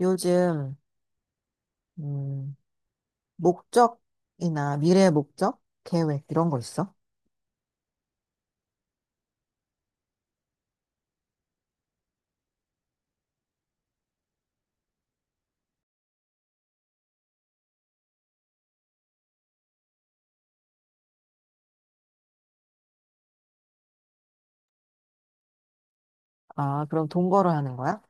요즘, 음, 목적이나 미래 목적, 계획, 이런 거 있어? 아, 그럼 동거를 하는 거야?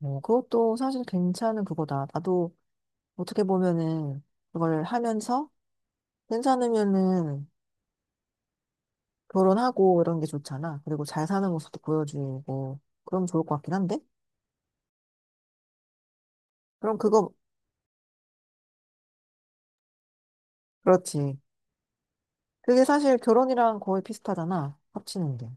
어, 그것도 사실 괜찮은 그거다. 나도 어떻게 보면은 그걸 하면서 괜찮으면은 결혼하고 이런 게 좋잖아. 그리고 잘 사는 모습도 보여주고 그럼 좋을 것 같긴 한데? 그럼 그거, 그렇지. 그게 사실 결혼이랑 거의 비슷하잖아. 합치는 게.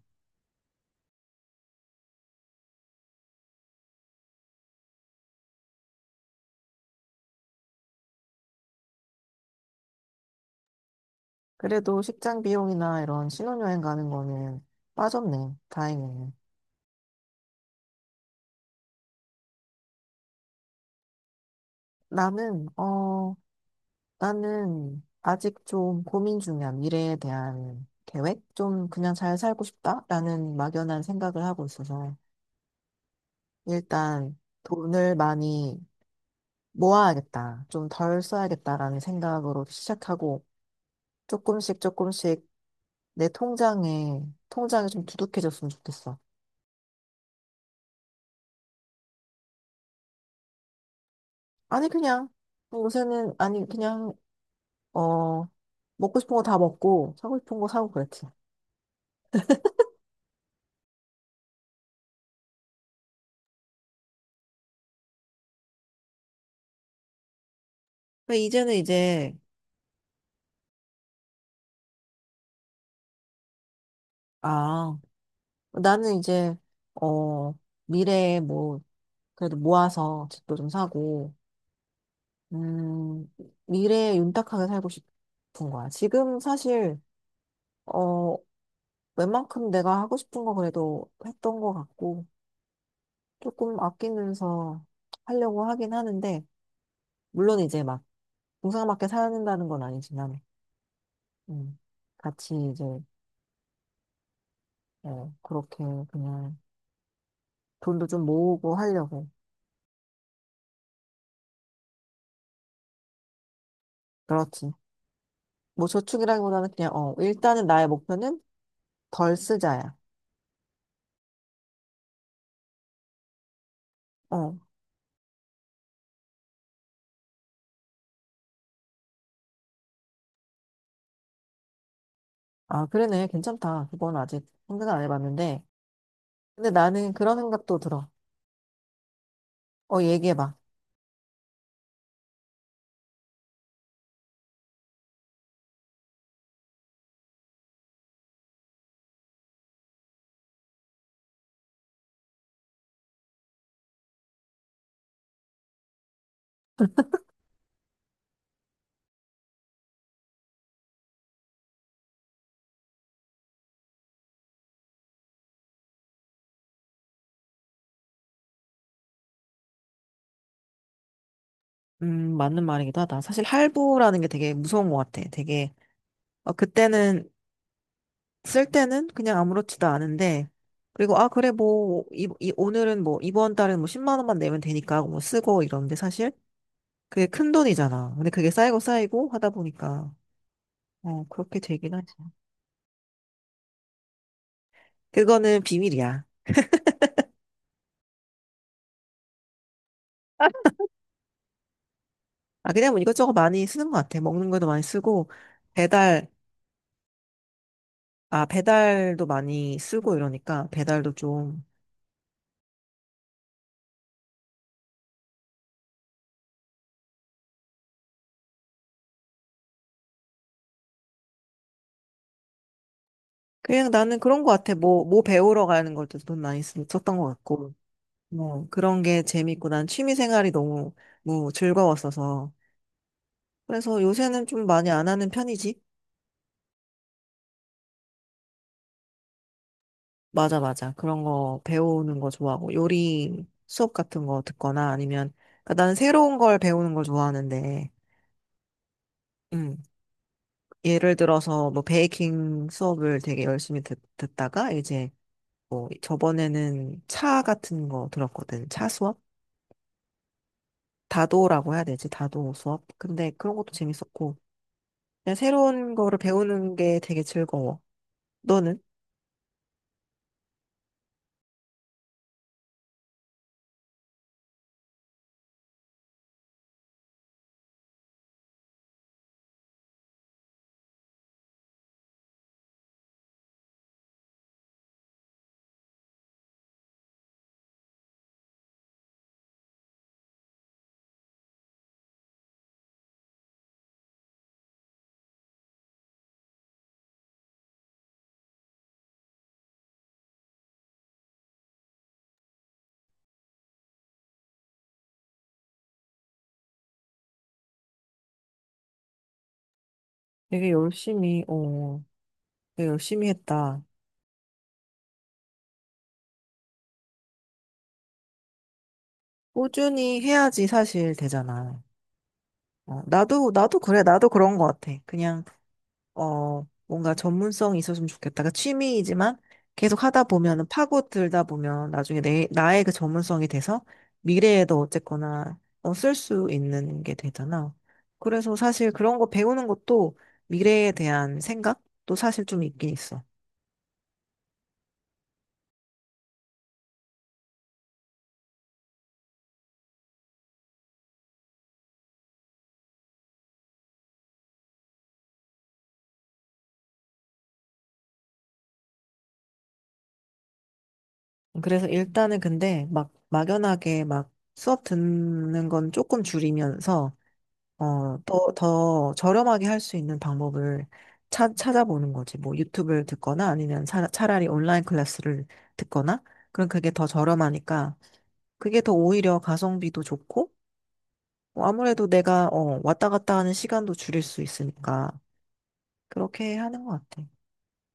그래도 식장 비용이나 이런 신혼여행 가는 거는 빠졌네. 다행이네. 나는, 어, 나는 아직 좀 고민 중이야. 미래에 대한 계획? 좀 그냥 잘 살고 싶다라는 막연한 생각을 하고 있어서. 일단 돈을 많이 모아야겠다. 좀 덜 써야겠다라는 생각으로 시작하고 조금씩 조금씩 내 통장에 통장이 좀 두둑해졌으면 좋겠어. 아니 그냥 요새는 아니 그냥 어 먹고 싶은 거 다 먹고 사고 싶은 거 사고 그랬지. 근데 이제는 아 나는 이제 어 미래에 뭐 그래도 모아서 집도 좀 사고 음 미래에 윤택하게 살고 싶은 거야. 지금 사실 어, 웬만큼 내가 하고 싶은 거 그래도 했던 것 같고, 조금 아끼면서 하려고 하긴 하는데, 물론 이제 막, 동상밖에 사는다는 건 아니지만, 음, 같이 이제, 그렇게 그냥 돈도 좀 모으고 하려고. 그렇지. 뭐 저축이라기보다는 그냥, 일단은 나의 목표는 덜 쓰자야. 어, 아, 그러네. 괜찮다. 그건 아직 생각을 안 해봤는데. 근데 나는 그런 생각도 들어. 어, 얘기해봐. 맞는 말이기도 하다. 사실 할부라는 게 되게 무서운 것 같아. 되게, 그때는, 쓸 때는 그냥 아무렇지도 않은데, 그리고, 아, 그래, 뭐, 오늘은 뭐, 이번 달은 뭐, 10만 원만 내면 되니까, 뭐, 쓰고 이러는데, 사실, 그게 큰 돈이잖아. 근데 그게 쌓이고 쌓이고 하다 보니까, 그렇게 되긴 하지. 그거는 비밀이야. 아, 그냥 뭐 이것저것 많이 쓰는 것 같아. 먹는 것도 많이 쓰고, 배달, 배달도 많이 쓰고 이러니까, 배달도 좀, 그냥 나는 그런 거 같아. 뭐 배우러 가는 것도 돈 많이 썼던 것 같고, 뭐, 그런 게 재밌고, 난 취미 생활이 너무, 뭐, 즐거웠어서. 그래서 요새는 좀 많이 안 하는 편이지? 맞아, 맞아. 그런 거 배우는 거 좋아하고, 요리 수업 같은 거 듣거나 아니면, 그러니까 나는 새로운 걸 배우는 걸 좋아하는데, 음, 예를 들어서 뭐, 베이킹 수업을 되게 열심히 듣다가, 이제, 뭐, 저번에는 차 같은 거 들었거든. 차 수업? 다도라고 해야 되지, 다도 수업. 근데 그런 것도 재밌었고, 그냥 새로운 거를 배우는 게 되게 즐거워. 너는? 되게 열심히, 어, 되게 열심히 했다. 꾸준히 해야지 사실 되잖아. 어, 나도 그래. 나도 그런 것 같아. 그냥 뭔가 전문성이 있었으면 좋겠다. 그 취미이지만 계속 하다 보면은 파고들다 보면 나중에 나의 그 전문성이 돼서 미래에도 어쨌거나 쓸 수 있는 게 되잖아. 그래서 사실 그런 거 배우는 것도 미래에 대한 생각도 사실 좀 있긴 있어. 그래서 일단은 근데 막 막연하게 막 수업 듣는 건 조금 줄이면서 더 저렴하게 할 수 있는 방법을 찾아보는 거지. 뭐 유튜브를 듣거나 아니면 차라리 온라인 클래스를 듣거나 그럼 그게 더 저렴하니까 그게 더 오히려 가성비도 좋고 뭐 아무래도 내가 왔다 갔다 하는 시간도 줄일 수 있으니까 그렇게 하는 것 같아.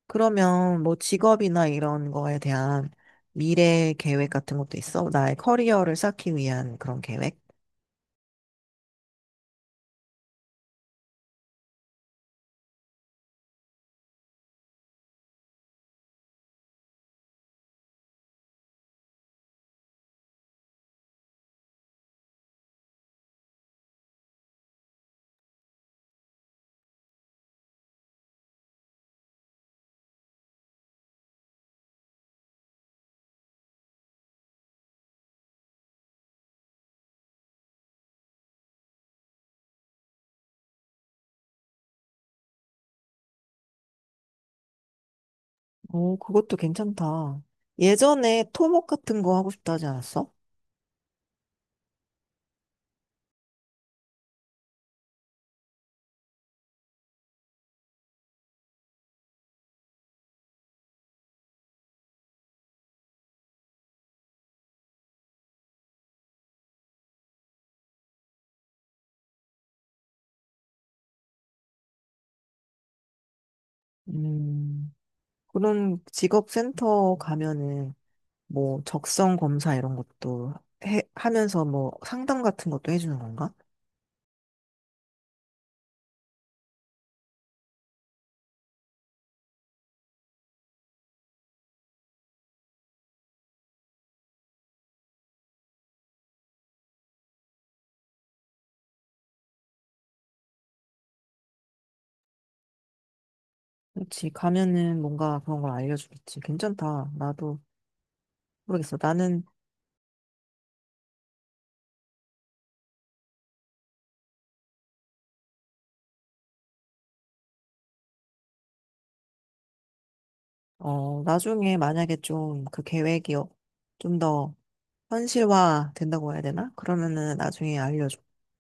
그러면 뭐 직업이나 이런 거에 대한 미래 계획 같은 것도 있어? 나의 커리어를 쌓기 위한 그런 계획? 오, 그것도 괜찮다. 예전에 토목 같은 거 하고 싶다 하지 않았어? 음, 그런 직업센터 가면은 뭐 적성 검사 이런 것도 하면서 뭐 상담 같은 것도 해주는 건가? 그렇지. 가면은 뭔가 그런 걸 알려주겠지. 괜찮다. 나도 모르겠어. 나중에 만약에 좀 그 계획이 좀더 현실화 된다고 해야 되나? 그러면은 나중에 알려줘.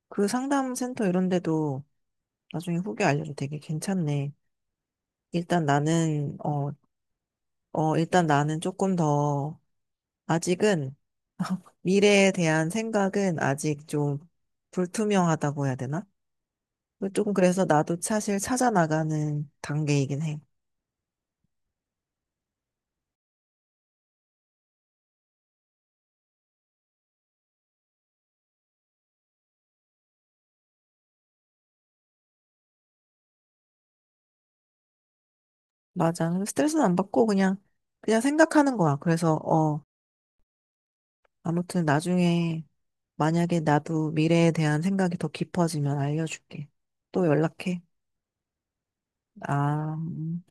그 상담센터 이런 데도 나중에 후기 알려줘. 되게 괜찮네. 일단 나는, 어, 일단 나는 조금 더 아직은 미래에 대한 생각은 아직 좀 불투명하다고 해야 되나? 조금 그래서 나도 사실 찾아 나가는 단계이긴 해. 맞아. 스트레스는 안 받고 그냥 생각하는 거야. 그래서 아무튼 나중에 만약에 나도 미래에 대한 생각이 더 깊어지면 알려줄게. 또 연락해. 아. 음.